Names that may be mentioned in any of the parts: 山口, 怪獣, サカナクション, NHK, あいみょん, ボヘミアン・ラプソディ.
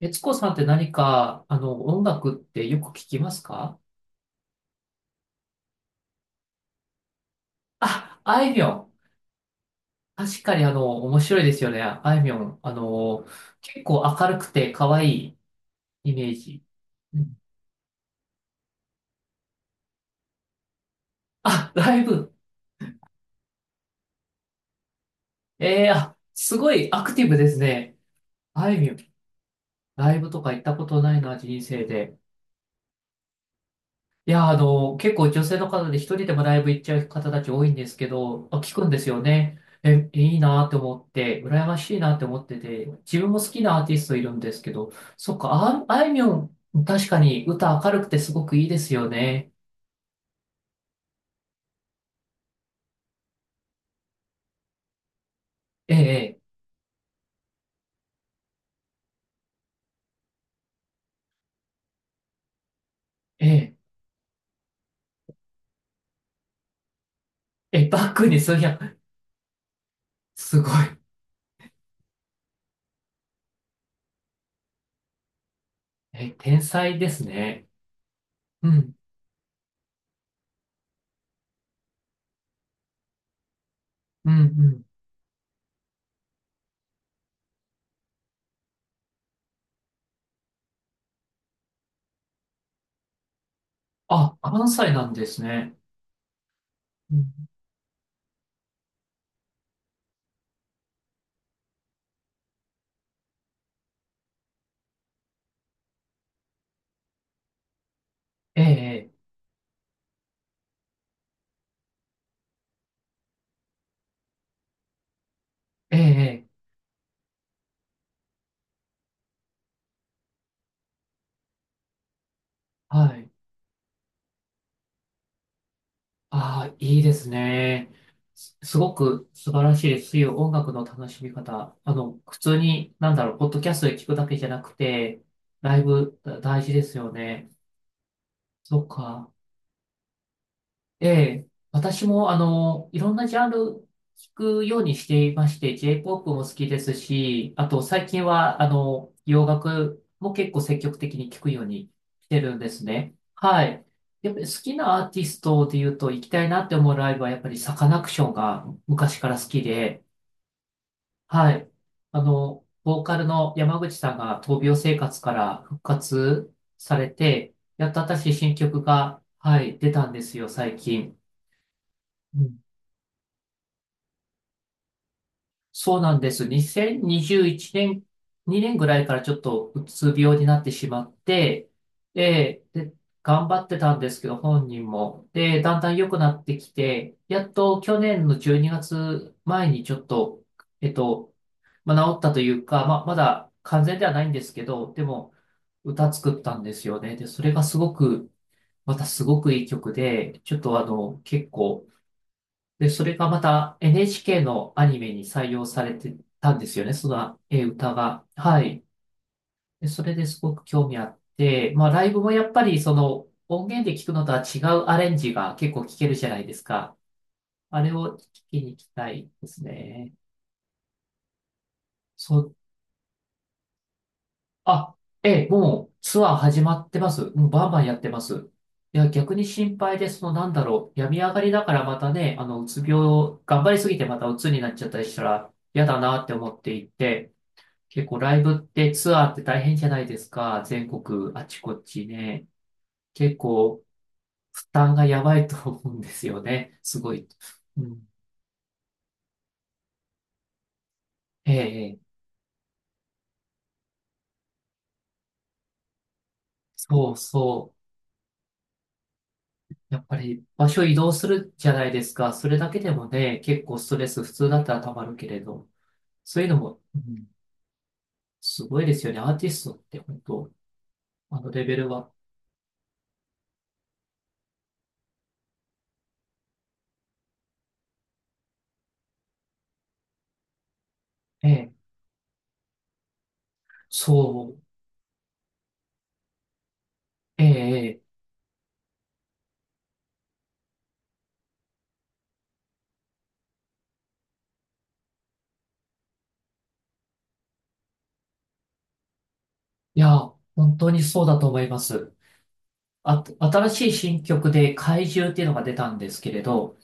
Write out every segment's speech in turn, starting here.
悦子さんって何か、音楽ってよく聞きますか？あ、あいみょん。確かに面白いですよね。あいみょん。結構明るくて可愛いイメージ。うん。あ、ライブ。えー、あ、すごいアクティブですね。あいみょん。ライブとか行ったことないな、人生で。いや、結構女性の方で一人でもライブ行っちゃう方たち多いんですけど、あ、聞くんですよね。え、いいなって思って、羨ましいなって思ってて、自分も好きなアーティストいるんですけど、そっか、あ、あいみょん、確かに歌明るくてすごくいいですよね。ええ、ええ、ええ、バックにそうや、すごい。え、天才ですね。うん、うん、うん。あ、関西なんですね。うん。ええ、ええ、ええ。はい。ああ、いいですね。す、すごく素晴らしいです。そういう音楽の楽しみ方。普通に、なんだろう、ポッドキャストで聞くだけじゃなくて、ライブだ大事ですよね。そっか。ええ、私も、いろんなジャンル聞くようにしていまして、J-POP も好きですし、あと最近は、洋楽も結構積極的に聞くようにしてるんですね。はい。やっぱり好きなアーティストで言うと、行きたいなって思うライブは、やっぱりサカナクションが昔から好きで、はい。ボーカルの山口さんが闘病生活から復活されて、やっと私新曲が、はい、出たんですよ、最近。そうなんです。2021年、2年ぐらいからちょっとうつ病になってしまって、で、頑張ってたんですけど、本人も。で、だんだん良くなってきて、やっと去年の12月前にがつまえにちょっと、えっと、まあ、治ったというか、まあ、まだ完全ではないんですけど、でも、歌作ったんですよね。で、それがすごく、またすごくいい曲で、ちょっと結構、で、それがまた NHK のアニメに採用されてたんですよね、その、歌が。はい。で、それですごく興味あって、まあ、ライブもやっぱりその音源で聞くのとは違うアレンジが結構聞けるじゃないですか。あれを聞きに行きたいですね。そう、あ、えー、もうツアー始まってます。もうバンバンやってます。いや、逆に心配で、その、なんだろう、病み上がりだからまたね、うつ病、頑張りすぎてまたうつになっちゃったりしたら嫌だなって思っていて、結構ライブってツアーって大変じゃないですか。全国あちこちね。結構負担がやばいと思うんですよね。すごい。うん。ええ、ええ。そうそう。やっぱり場所移動するじゃないですか。それだけでもね、結構ストレス普通だったらたまるけれど。そういうのも、うん、すごいですよね。アーティストって本当、あのレベルは。ええ、そう。ええ、ええ。いや、本当にそうだと思います。あ、新しい新曲で怪獣っていうのが出たんですけれど、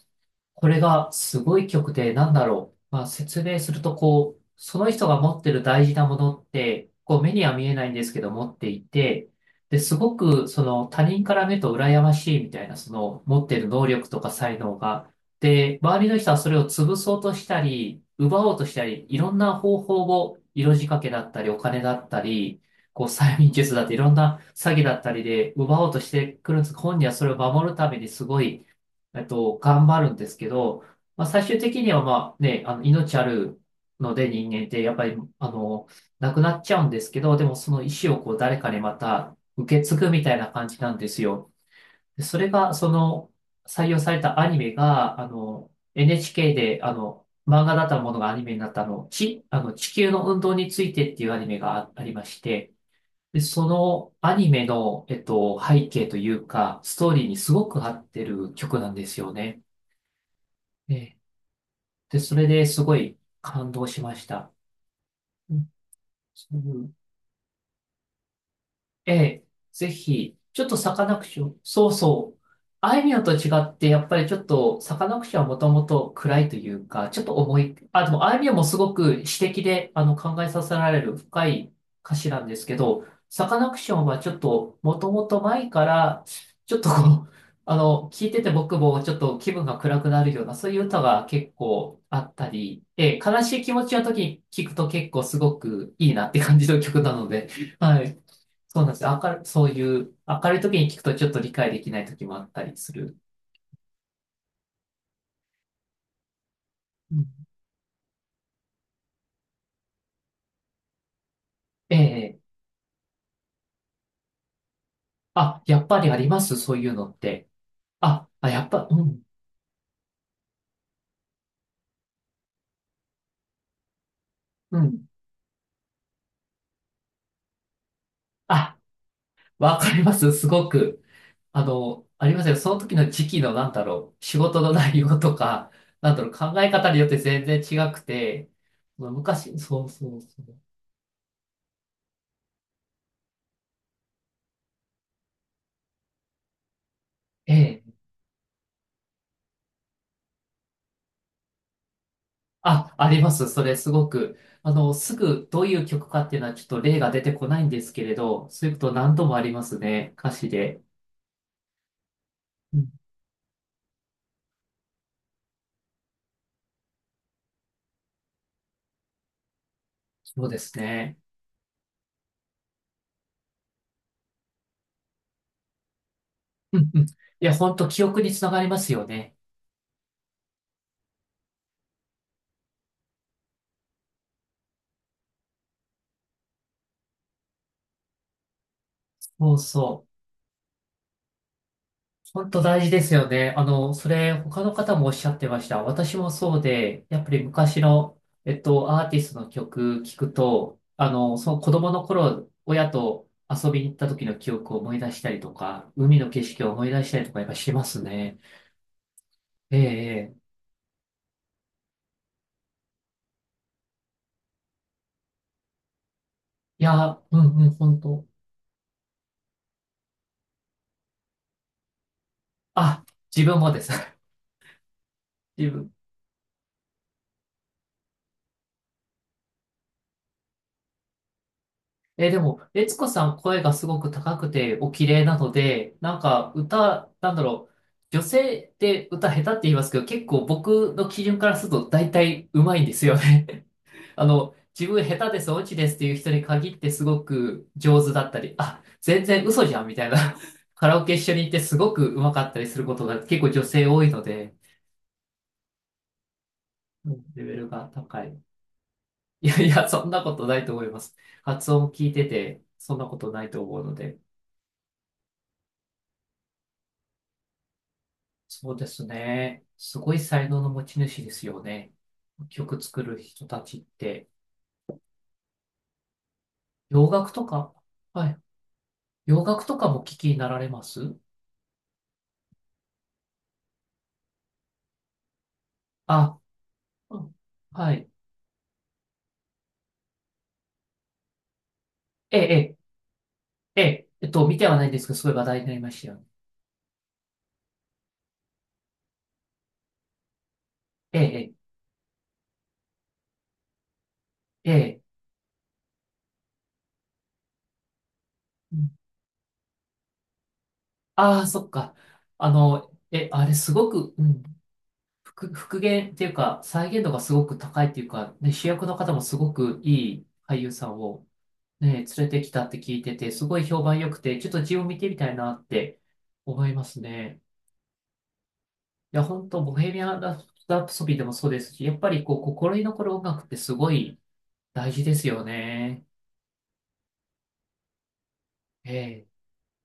これがすごい曲で、なんだろう。まあ、説明すると、こう、その人が持ってる大事なものって、こう、目には見えないんですけど、持っていて、で、すごく、その、他人から見ると羨ましいみたいな、その、持ってる能力とか才能が。で、周りの人はそれを潰そうとしたり、奪おうとしたり、いろんな方法を、色仕掛けだったり、お金だったり、こう、催眠術だって、いろんな詐欺だったりで奪おうとしてくるんです。本人はそれを守るためにすごい、頑張るんですけど、まあ、最終的にはまあね、命あるので人間ってやっぱり、亡くなっちゃうんですけど、でもその意思をこう誰かにまた受け継ぐみたいな感じなんですよ。でそれが、その、採用されたアニメが、NHK で、漫画だったものがアニメになったあの、地球の運動についてっていうアニメがあありまして、で、そのアニメの、背景というか、ストーリーにすごく合ってる曲なんですよね。ええ。で、それですごい感動しました。うん。そう。ええ、ぜひ、ちょっとサカナクション、そうそう。あいみょんと違って、やっぱりちょっと、サカナクションはもともと暗いというか、ちょっと重い。あ、でも、あいみょんもすごく詩的で、考えさせられる深い歌詞なんですけど、サカナクションはちょっと、もともと前から、ちょっとこう、聞いてて僕もちょっと気分が暗くなるような、そういう歌が結構あったり、ええ、悲しい気持ちの時に聞くと結構すごくいいなって感じの曲なので、はい。そうなんですよ。明る、そういう、明るい時に聞くとちょっと理解できない時もあったりする。うん。ええ。あ、やっぱりありますそういうのって。あ、あ、やっぱ、うん、うん。あ、わかります。すごく。ありますよ。その時の時期の、なんだろう、仕事の内容とか、なんだろう、考え方によって全然違くて、昔、そうそうそう。ええ。あ、あります。それすごく。すぐどういう曲かっていうのはちょっと例が出てこないんですけれど、そういうこと何度もありますね。歌詞で。うん、そうですね。うん、うん。いや、本当記憶につながりますよね。そうそう。本当大事ですよね。それ他の方もおっしゃってました。私もそうで、やっぱり昔の、アーティストの曲聞くと、その子供の頃、親と遊びに行った時の記憶を思い出したりとか、海の景色を思い出したりとかやっぱしますね。ええ、ええ。いや、うんうん、本当。あ、自分もです。自分。え、でも、悦子さん声がすごく高くてお綺麗なので、なんか歌、なんだろう、女性って歌下手って言いますけど、結構僕の基準からすると大体上手いんですよね。自分下手です、オチですっていう人に限ってすごく上手だったり、あ、全然嘘じゃんみたいな。カラオケ一緒に行ってすごく上手かったりすることが結構女性多いので、レベルが高い。いやいや、そんなことないと思います。発音聞いてて、そんなことないと思うので。そうですね。すごい才能の持ち主ですよね。曲作る人たちって。洋楽とか、はい。洋楽とかも聞きになられます？あ、うん、はい。ええ、ええ、ええ、見てはないんですけど、すごい話題になりましたよね。ええ、ええ、ええ。ああー、そっか。え、あれすごく、うん、復元っていうか、再現度がすごく高いっていうか、ね、主役の方もすごくいい俳優さんを、ね、連れてきたって聞いてて、すごい評判良くて、ちょっと字を見てみたいなって思いますね。いや、本当ボヘミアン・ラプソディでもそうですし、やっぱりこう、心に残る音楽ってすごい大事ですよね。ええ